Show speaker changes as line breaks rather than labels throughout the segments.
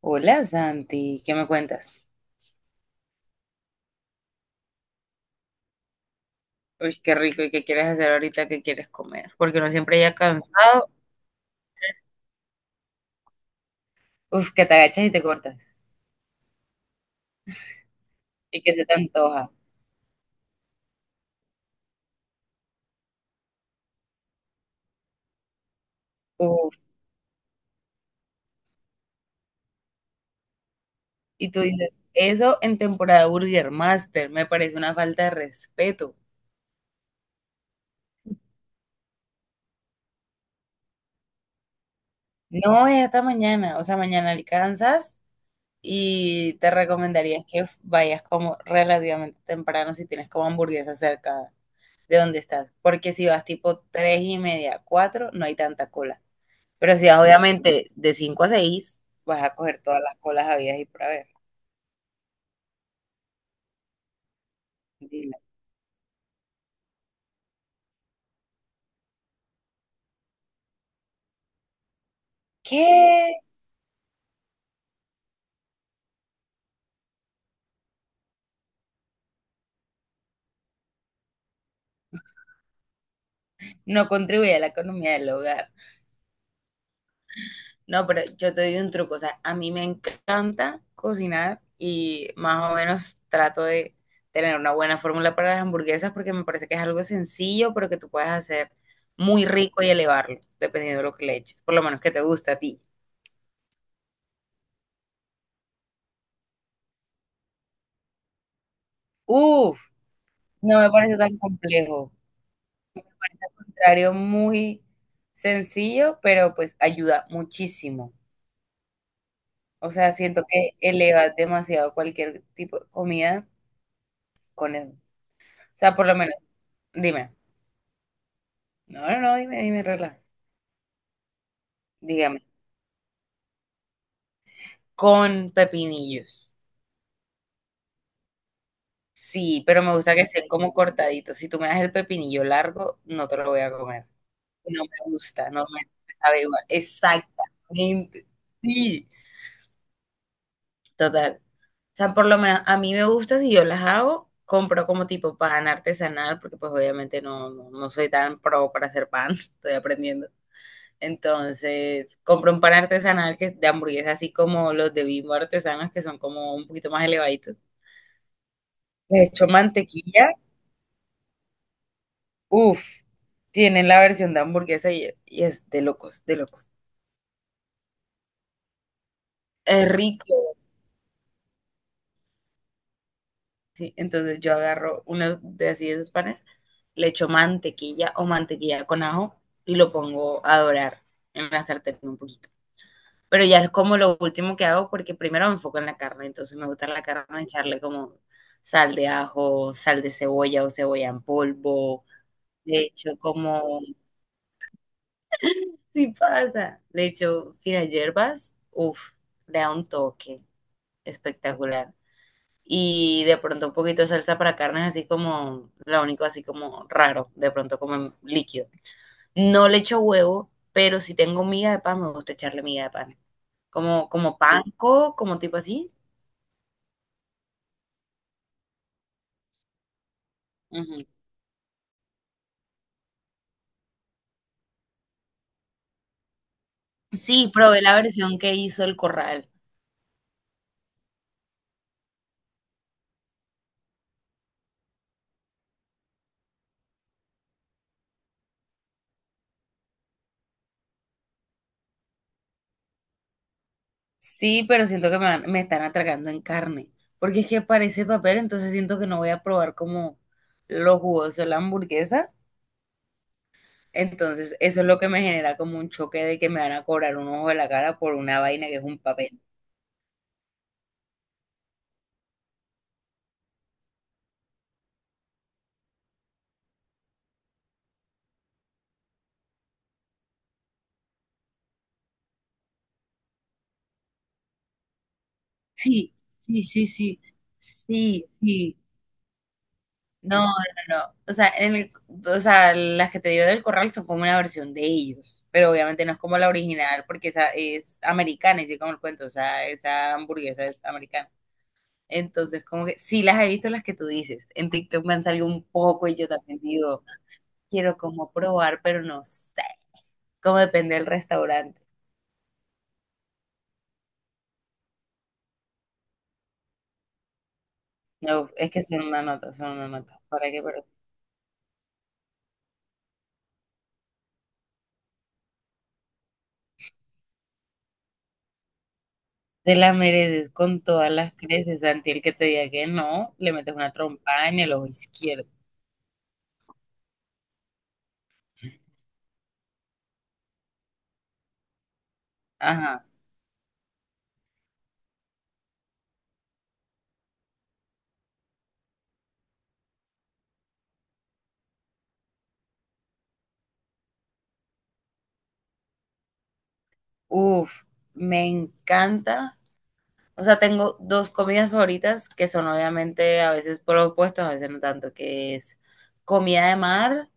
Hola Santi, ¿qué me cuentas? Uy, qué rico, ¿y qué quieres hacer ahorita? ¿Qué quieres comer? Porque uno siempre ya cansado, que te agachas y te cortas, y que se te antoja, uf, y tú dices, eso en temporada Burger Master me parece una falta de respeto. No, es hasta mañana, o sea, mañana alcanzas y te recomendaría que vayas como relativamente temprano si tienes como hamburguesa cerca de donde estás, porque si vas tipo tres y media, cuatro, no hay tanta cola. Pero si vas, obviamente de 5 a 6 vas a coger todas las colas habidas y por haber. Dile, ¿qué? No contribuye a la economía del hogar. No, pero yo te doy un truco. O sea, a mí me encanta cocinar y más o menos trato de tener una buena fórmula para las hamburguesas porque me parece que es algo sencillo, pero que tú puedes hacer muy rico y elevarlo, dependiendo de lo que le eches. Por lo menos que te gusta a ti. Uf, no me parece tan complejo. Al contrario, muy sencillo, pero pues ayuda muchísimo. O sea, siento que eleva demasiado cualquier tipo de comida con él. O sea, por lo menos, dime. No, no, no, dime, dime, regla. Dígame. Con pepinillos. Sí, pero me gusta que sean como cortaditos. Si tú me das el pepinillo largo, no te lo voy a comer. No me gusta, no me sabe igual. Exactamente. Sí, total. O sea, por lo menos a mí me gusta si yo las hago, compro como tipo pan artesanal, porque pues obviamente no soy tan pro para hacer pan, estoy aprendiendo. Entonces, compro un pan artesanal que es de hamburguesa, así como los de Bimbo artesanos, que son como un poquito más elevaditos. De hecho, mantequilla, uff, tienen la versión de hamburguesa y es de locos, de locos. Es rico. Sí, entonces yo agarro uno de así de esos panes, le echo mantequilla o mantequilla con ajo y lo pongo a dorar en la sartén un poquito. Pero ya es como lo último que hago porque primero me enfoco en la carne, entonces me gusta la carne echarle como sal de ajo, sal de cebolla o cebolla en polvo, le echo como, sí pasa, le echo finas hierbas, uff, le da un toque espectacular. Y de pronto un poquito de salsa para carnes, así como lo único, así como raro, de pronto como en líquido. No le echo huevo, pero si tengo miga de pan, me gusta echarle miga de pan. Como, como panko, como tipo así. Ujú. Sí, probé la versión que hizo el corral. Sí, pero siento que me están atragando en carne, porque es que parece papel, entonces siento que no voy a probar como lo jugoso de la hamburguesa. Entonces, eso es lo que me genera como un choque de que me van a cobrar un ojo de la cara por una vaina que es un papel. Sí, sí, sí, sí, sí, sí. No, no, no. O sea, o sea, las que te digo del corral son como una versión de ellos, pero obviamente no es como la original porque esa es americana, y sí como el cuento, o sea, esa hamburguesa es americana. Entonces, como que sí las he visto las que tú dices. En TikTok me han salido un poco y yo también digo, quiero como probar, pero no sé, como depende del restaurante. No, es que son una nota, son una nota. ¿Para qué? Pero te la mereces con todas las creces. Santi, el que te diga que no, le metes una trompa en el ojo izquierdo. Ajá. Uf, me encanta. O sea, tengo dos comidas favoritas que son obviamente a veces por los opuestos, a veces no tanto, que es comida de mar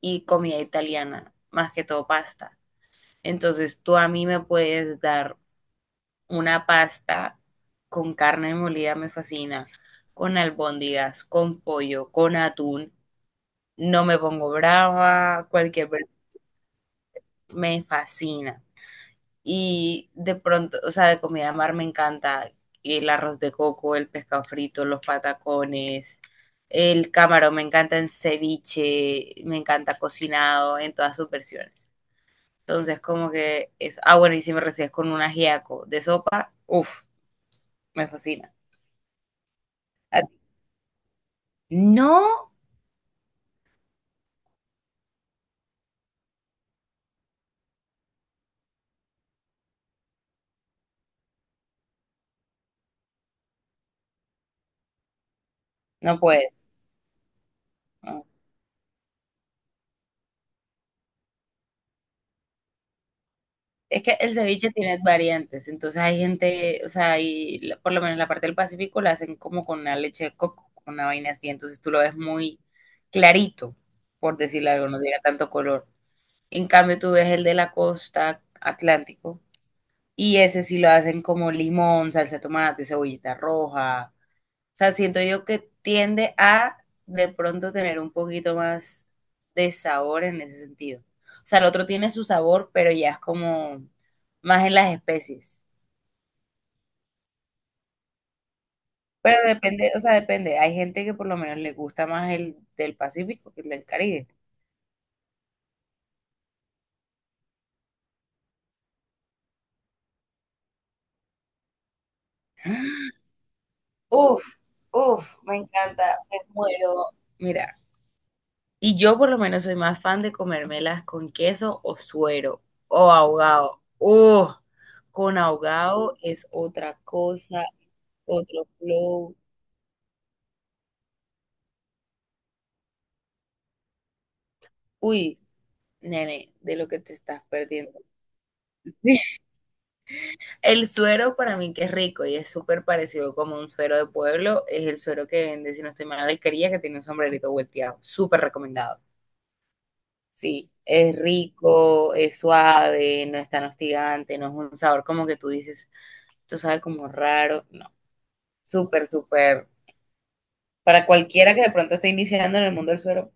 y comida italiana, más que todo pasta. Entonces, tú a mí me puedes dar una pasta con carne molida me fascina, con albóndigas, con pollo, con atún, no me pongo brava, me fascina. Y de pronto, o sea, de comida de mar me encanta el arroz de coco, el pescado frito, los patacones, el camarón, me encanta en ceviche, me encanta cocinado en todas sus versiones. Entonces, como que es, ah, bueno, y si me recibes con un ajiaco de sopa, uff, me fascina. No, no puedes. No. Es que el ceviche tiene variantes, entonces hay gente, o sea, por lo menos la parte del Pacífico la hacen como con una leche de coco, con una vaina así, entonces tú lo ves muy clarito, por decirlo algo, no tiene tanto color. En cambio, tú ves el de la costa Atlántico y ese sí lo hacen como limón, salsa de tomate, cebollita roja. O sea, siento yo que tiende a de pronto tener un poquito más de sabor en ese sentido. O sea, el otro tiene su sabor, pero ya es como más en las especies. Pero depende, o sea, depende. Hay gente que por lo menos le gusta más el del Pacífico que el del Caribe. Uf, uf, me encanta, me muero. Mira. Y yo por lo menos soy más fan de comérmelas con queso o suero o ahogado. ¡Uh! Con ahogado es otra cosa, otro flow. Uy, nene, de lo que te estás perdiendo. El suero para mí que es rico y es súper parecido como un suero de pueblo, es el suero que vende, si no estoy mal, la alquería que tiene un sombrerito volteado. Súper recomendado. Sí, es rico, es suave, no es tan hostigante, no es un sabor como que tú dices. Esto sabe como raro, no, súper, súper, para cualquiera que de pronto esté iniciando en el mundo del suero.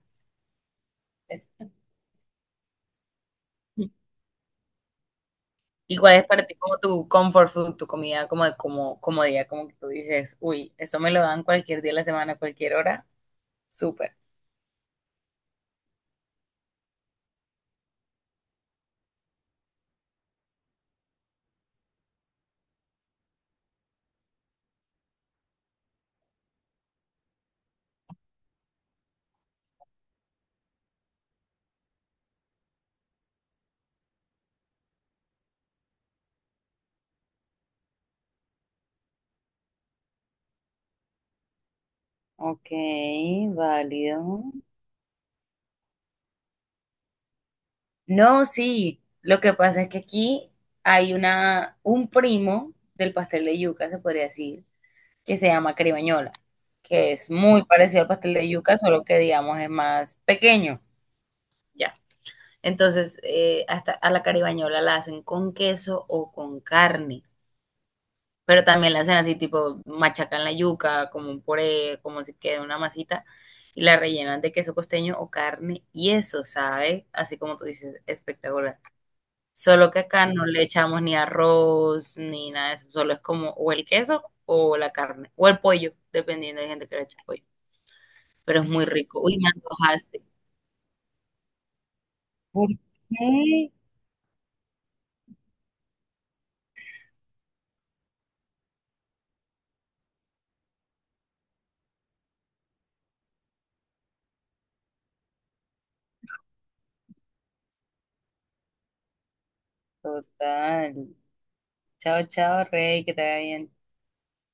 es- ¿Y cuál es para ti como tu comfort food, tu comida como de como comodidad, como que tú dices, uy, eso me lo dan cualquier día de la semana, cualquier hora, súper. Ok, válido. No, sí, lo que pasa es que aquí hay un primo del pastel de yuca, se podría decir, que se llama caribañola, que es muy parecido al pastel de yuca, solo que digamos es más pequeño. Ya. Entonces, hasta a la caribañola la hacen con queso o con carne, pero también la hacen así tipo machacan la yuca, como un puré, como si quede una masita, y la rellenan de queso costeño o carne, y eso, ¿sabe? Así como tú dices, espectacular. Solo que acá no le echamos ni arroz, ni nada de eso, solo es como o el queso o la carne, o el pollo, dependiendo de gente que le eche pollo, pero es muy rico. Uy, me antojaste. ¿Por qué? Total. Chao, chao, Rey, que te vaya bien.